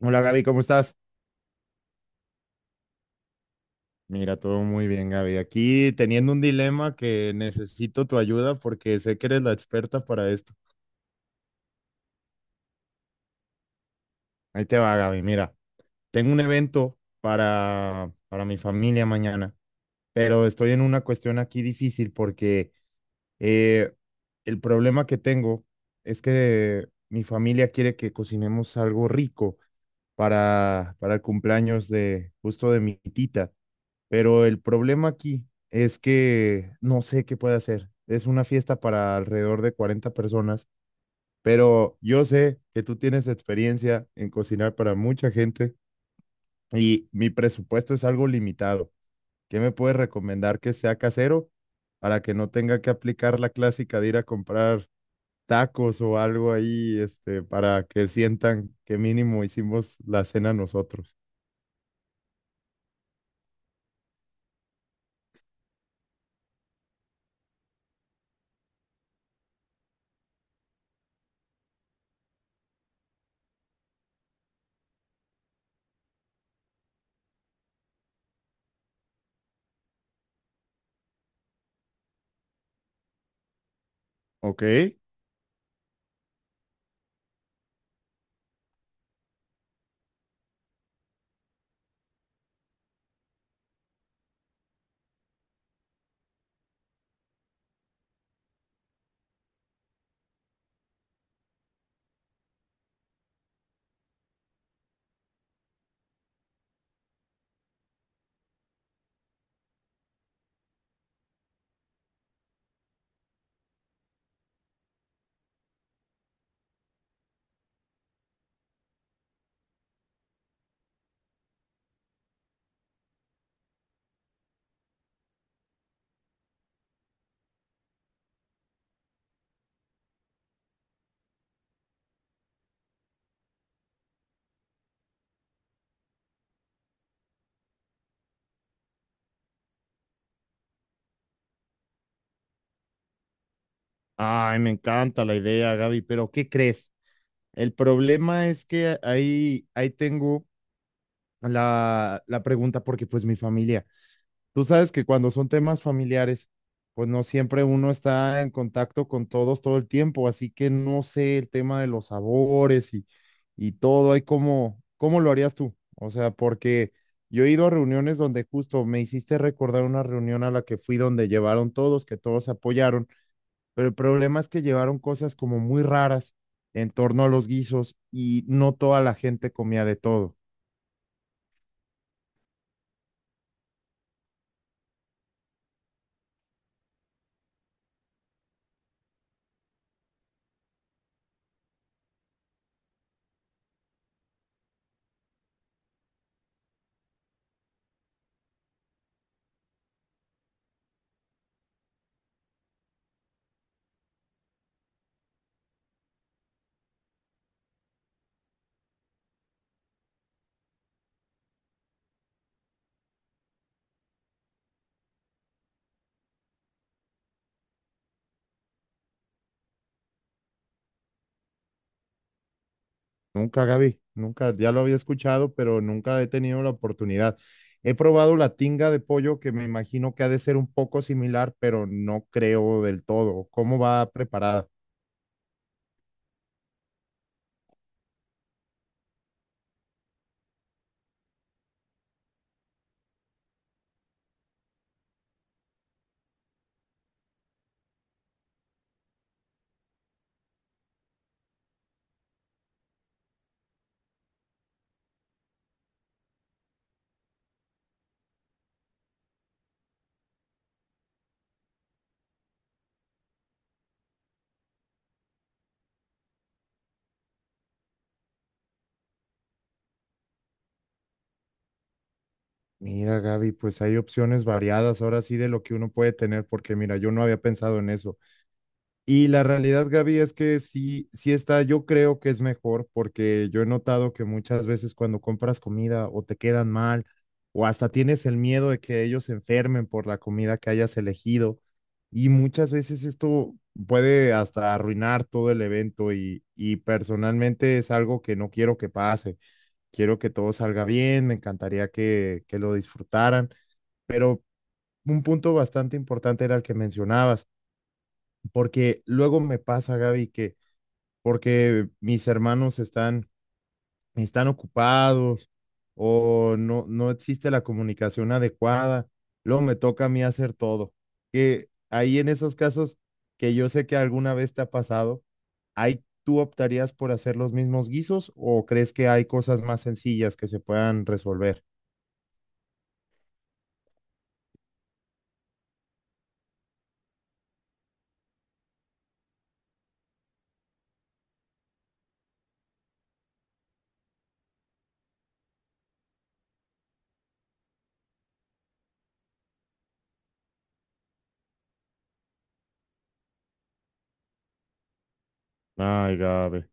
Hola Gaby, ¿cómo estás? Mira, todo muy bien, Gaby. Aquí teniendo un dilema que necesito tu ayuda porque sé que eres la experta para esto. Ahí te va, Gaby. Mira, tengo un evento para mi familia mañana, pero estoy en una cuestión aquí difícil porque eh, el problema que tengo es que mi familia quiere que cocinemos algo rico para el cumpleaños de justo de mi tita. Pero el problema aquí es que no sé qué puede hacer. Es una fiesta para alrededor de 40 personas, pero yo sé que tú tienes experiencia en cocinar para mucha gente y mi presupuesto es algo limitado. ¿Qué me puedes recomendar que sea casero para que no tenga que aplicar la clásica de ir a comprar tacos o algo ahí, este, para que sientan que mínimo hicimos la cena nosotros? Ok. Ay, me encanta la idea, Gaby, pero ¿qué crees? El problema es que ahí tengo la pregunta porque pues mi familia, tú sabes que cuando son temas familiares, pues no siempre uno está en contacto con todos todo el tiempo, así que no sé el tema de los sabores y todo, ahí cómo lo harías tú, o sea, porque yo he ido a reuniones donde justo me hiciste recordar una reunión a la que fui donde llevaron todos, que todos se apoyaron, pero el problema es que llevaron cosas como muy raras en torno a los guisos y no toda la gente comía de todo. Nunca, Gaby, nunca, ya lo había escuchado, pero nunca he tenido la oportunidad. He probado la tinga de pollo, que me imagino que ha de ser un poco similar, pero no creo del todo. ¿Cómo va preparada? Mira, Gaby, pues hay opciones variadas ahora sí de lo que uno puede tener, porque mira, yo no había pensado en eso. Y la realidad, Gaby, es que sí, sí está, yo creo que es mejor porque yo he notado que muchas veces cuando compras comida o te quedan mal o hasta tienes el miedo de que ellos se enfermen por la comida que hayas elegido y muchas veces esto puede hasta arruinar todo el evento y personalmente es algo que no quiero que pase. Quiero que todo salga bien, me encantaría que lo disfrutaran, pero un punto bastante importante era el que mencionabas porque luego me pasa, Gaby, que porque mis hermanos están ocupados o no, no existe la comunicación adecuada, luego me toca a mí hacer todo. Que ahí en esos casos que yo sé que alguna vez te ha pasado, ahí ¿tú optarías por hacer los mismos guisos o crees que hay cosas más sencillas que se puedan resolver? Ay, Gabe.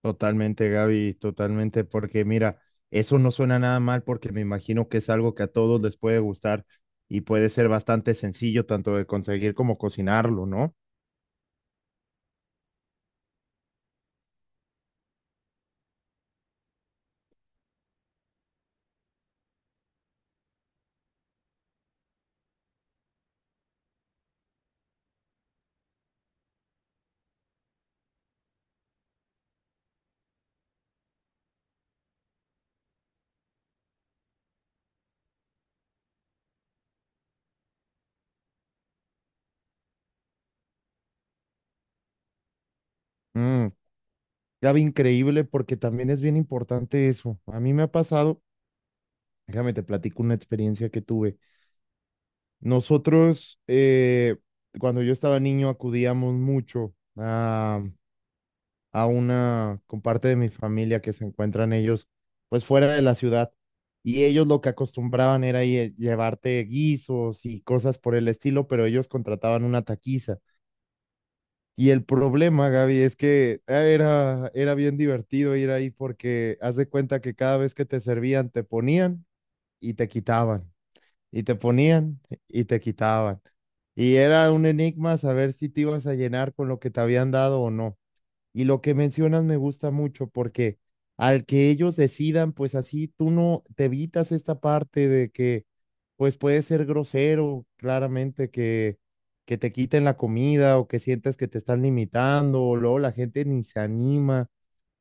Totalmente, Gaby, totalmente, porque mira, eso no suena nada mal porque me imagino que es algo que a todos les puede gustar y puede ser bastante sencillo tanto de conseguir como cocinarlo, ¿no? Mm, Gaby, increíble porque también es bien importante eso. A mí me ha pasado, déjame te platico una experiencia que tuve. Nosotros, cuando yo estaba niño, acudíamos mucho a una, con parte de mi familia que se encuentran ellos, pues fuera de la ciudad. Y ellos lo que acostumbraban era llevarte guisos y cosas por el estilo, pero ellos contrataban una taquiza. Y el problema, Gaby, es que ah, era bien divertido ir ahí porque haz de cuenta que cada vez que te servían, te ponían y te quitaban, y te ponían y te quitaban. Y era un enigma saber si te ibas a llenar con lo que te habían dado o no. Y lo que mencionas me gusta mucho porque al que ellos decidan, pues así tú no te evitas esta parte de que, pues puede ser grosero, claramente que te quiten la comida o que sientas que te están limitando, o luego la gente ni se anima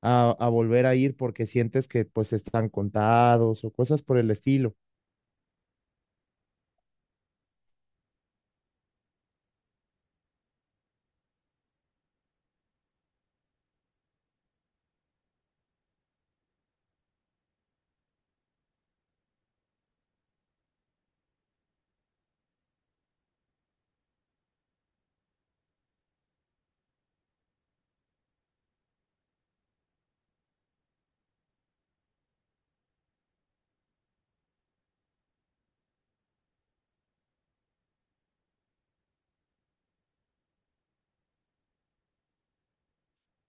a volver a ir porque sientes que pues están contados o cosas por el estilo.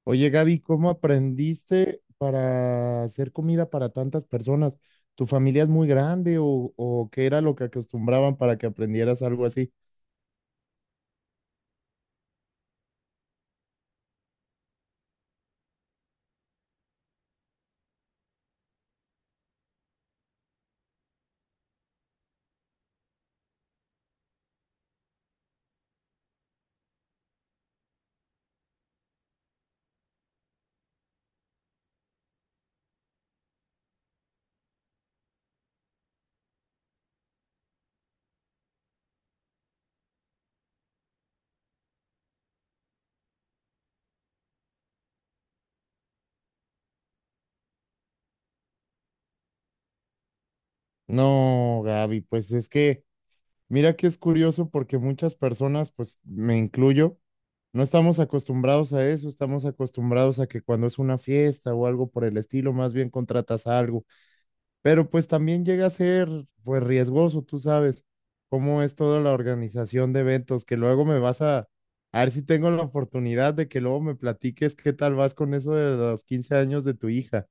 Oye, Gaby, ¿cómo aprendiste para hacer comida para tantas personas? ¿Tu familia es muy grande o qué era lo que acostumbraban para que aprendieras algo así? No, Gaby, pues es que, mira que es curioso porque muchas personas, pues me incluyo, no estamos acostumbrados a eso, estamos acostumbrados a que cuando es una fiesta o algo por el estilo, más bien contratas algo. Pero pues también llega a ser pues riesgoso, tú sabes cómo es toda la organización de eventos, que luego me vas a ver si tengo la oportunidad de que luego me platiques qué tal vas con eso de los 15 años de tu hija.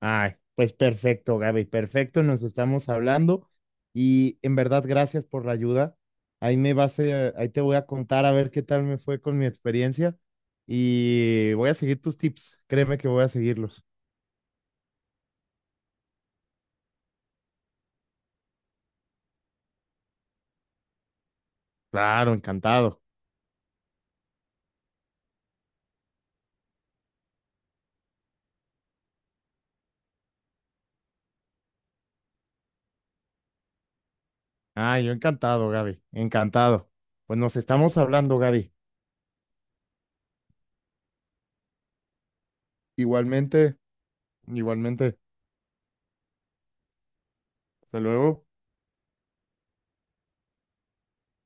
Ay, pues perfecto, Gaby, perfecto, nos estamos hablando y en verdad gracias por la ayuda. Ahí me vas a, ahí te voy a contar a ver qué tal me fue con mi experiencia y voy a seguir tus tips, créeme que voy a seguirlos. Claro, encantado. Ah, yo encantado, Gaby, encantado. Pues nos estamos hablando, Gaby. Igualmente, igualmente. Hasta luego.